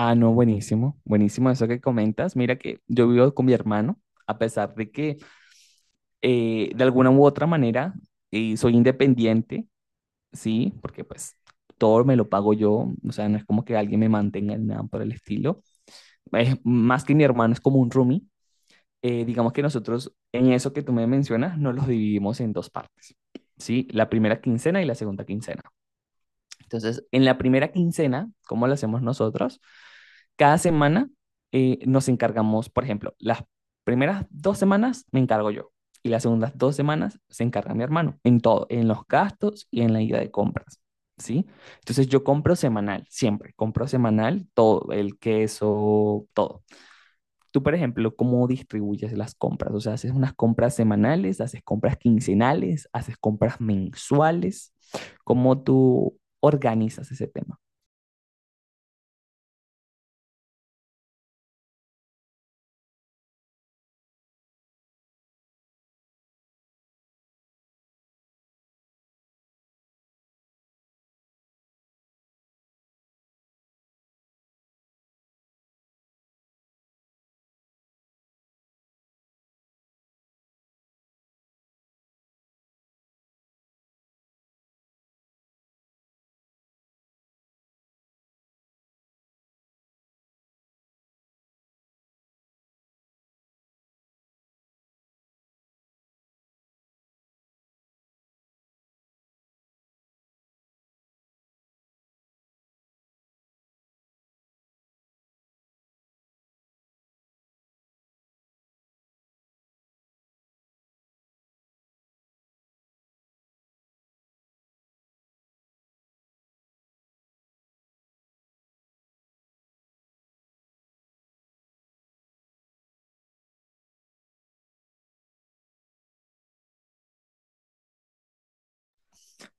Ah, no, buenísimo, buenísimo eso que comentas. Mira que yo vivo con mi hermano, a pesar de que de alguna u otra manera soy independiente, sí, porque pues todo me lo pago yo, o sea, no es como que alguien me mantenga ni nada por el estilo. Es más que mi hermano, es como un roomie. Digamos que nosotros en eso que tú me mencionas, nos los dividimos en dos partes, sí, la primera quincena y la segunda quincena. Entonces, en la primera quincena, ¿cómo lo hacemos nosotros? Cada semana nos encargamos, por ejemplo, las primeras 2 semanas me encargo yo y las segundas 2 semanas se encarga mi hermano en todo, en los gastos y en la ida de compras. ¿Sí? Entonces yo compro semanal, siempre, compro semanal todo, el queso, todo. Tú, por ejemplo, ¿cómo distribuyes las compras? O sea, haces unas compras semanales, haces compras quincenales, haces compras mensuales. ¿Cómo tú organizas ese tema?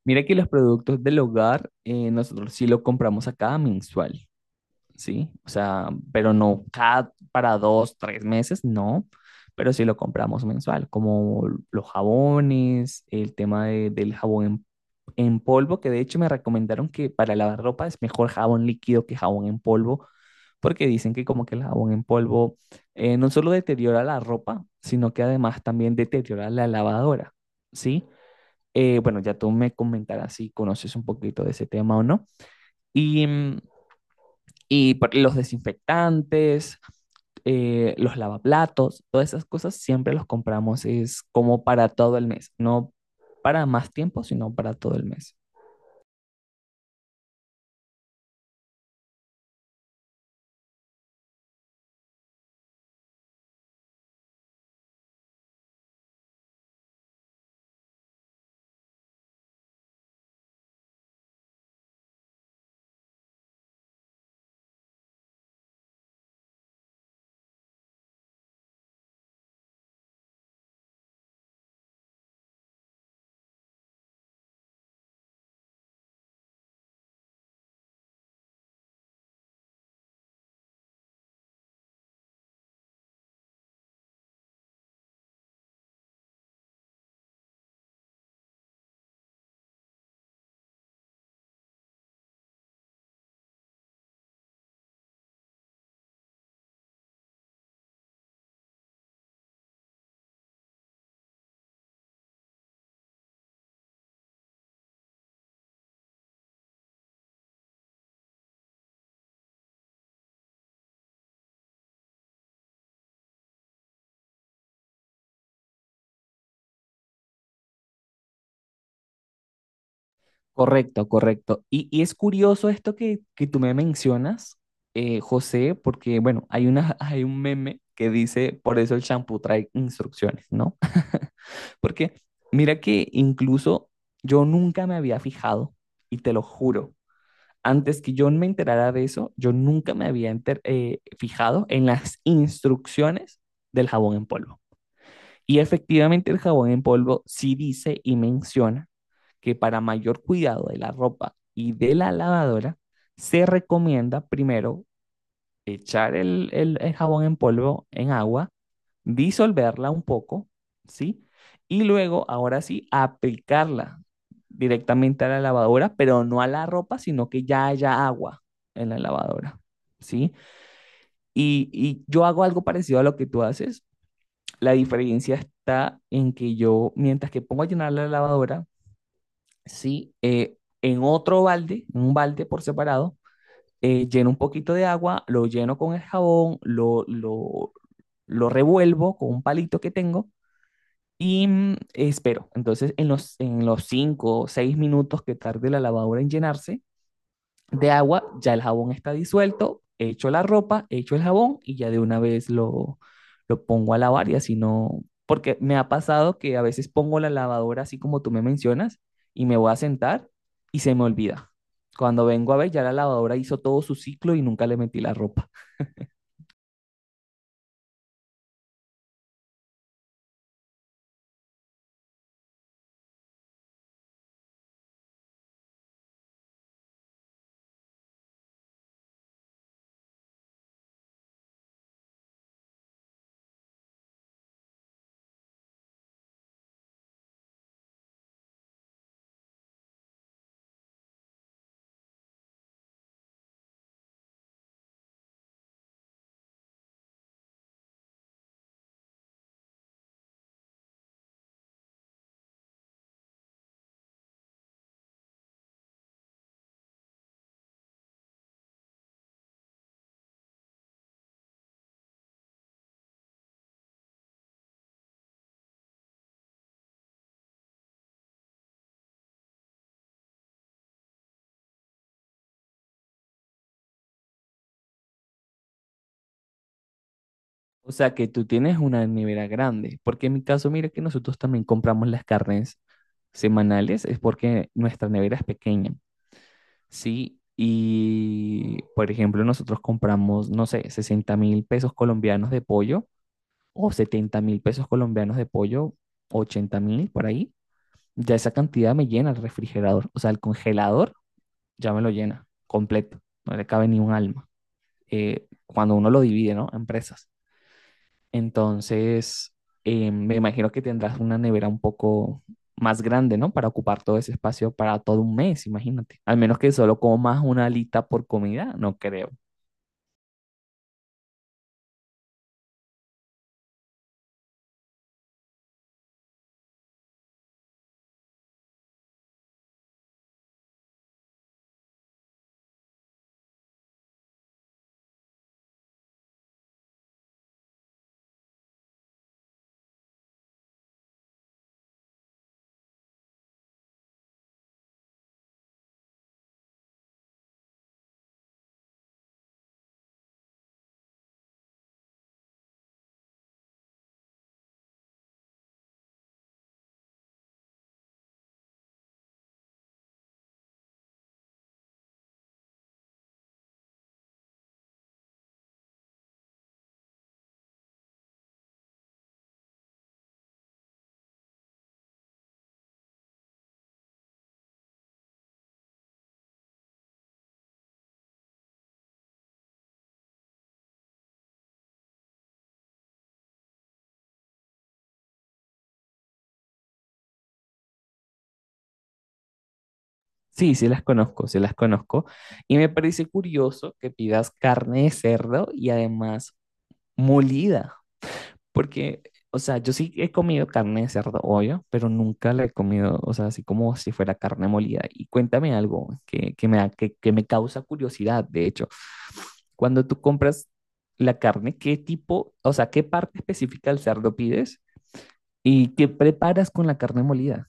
Mira que los productos del hogar nosotros sí lo compramos acá mensual, ¿sí? O sea, pero no cada para 2, 3 meses, no, pero sí lo compramos mensual, como los jabones, el tema del jabón en polvo, que de hecho me recomendaron que para lavar ropa es mejor jabón líquido que jabón en polvo, porque dicen que como que el jabón en polvo no solo deteriora la ropa, sino que además también deteriora la lavadora, ¿sí? Bueno, ya tú me comentarás si conoces un poquito de ese tema o no. Y, y los desinfectantes, los lavaplatos, todas esas cosas siempre los compramos, es como para todo el mes, no para más tiempo, sino para todo el mes. Correcto, correcto. Y es curioso esto que tú me mencionas, José, porque bueno, hay un meme que dice, por eso el champú trae instrucciones, ¿no? Porque mira que incluso yo nunca me había fijado, y te lo juro, antes que yo me enterara de eso, yo nunca me había fijado en las instrucciones del jabón en polvo. Y efectivamente el jabón en polvo sí dice y menciona que para mayor cuidado de la ropa y de la lavadora, se recomienda primero echar el jabón en polvo en agua, disolverla un poco, ¿sí? Y luego, ahora sí, aplicarla directamente a la lavadora, pero no a la ropa, sino que ya haya agua en la lavadora, ¿sí? Y yo hago algo parecido a lo que tú haces. La diferencia está en que yo, mientras que pongo a llenar la lavadora, sí, en otro balde, en un balde por separado, lleno un poquito de agua, lo lleno con el jabón, lo revuelvo con un palito que tengo y espero. Entonces, en en los 5 o 6 minutos que tarde la lavadora en llenarse de agua, ya el jabón está disuelto, echo la ropa, echo el jabón y ya de una vez lo pongo a lavar y así no, porque me ha pasado que a veces pongo la lavadora así como tú me mencionas y me voy a sentar y se me olvida. Cuando vengo a ver, ya la lavadora hizo todo su ciclo y nunca le metí la ropa. O sea que tú tienes una nevera grande, porque en mi caso, mira que nosotros también compramos las carnes semanales, es porque nuestra nevera es pequeña, ¿sí? Y, por ejemplo, nosotros compramos, no sé, 60.000 pesos colombianos de pollo o 70.000 pesos colombianos de pollo, 80.000 por ahí. Ya esa cantidad me llena el refrigerador, o sea, el congelador ya me lo llena completo, no le cabe ni un alma. Cuando uno lo divide, ¿no? En presas. Entonces, me imagino que tendrás una nevera un poco más grande, ¿no? Para ocupar todo ese espacio para todo un mes, imagínate. Al menos que solo comas una alita por comida, no creo. Sí, sí las conozco, sí las conozco. Y me parece curioso que pidas carne de cerdo y además molida. Porque, o sea, yo sí he comido carne de cerdo, obvio, pero nunca la he comido, o sea, así como si fuera carne molida. Y cuéntame algo que me causa curiosidad, de hecho. Cuando tú compras la carne, ¿qué tipo, o sea, qué parte específica del cerdo pides y qué preparas con la carne molida?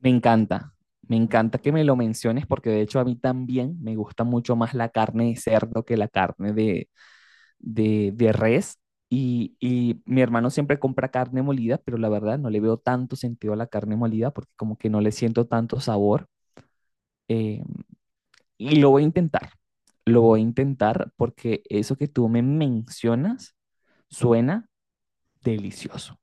Me encanta, me encanta que me lo menciones porque de hecho a mí también me gusta mucho más la carne de cerdo que la carne de res y mi hermano siempre compra carne molida, pero la verdad no le veo tanto sentido a la carne molida porque como que no le siento tanto sabor eh, y lo voy a intentar, lo voy a intentar porque eso que tú me mencionas suena delicioso.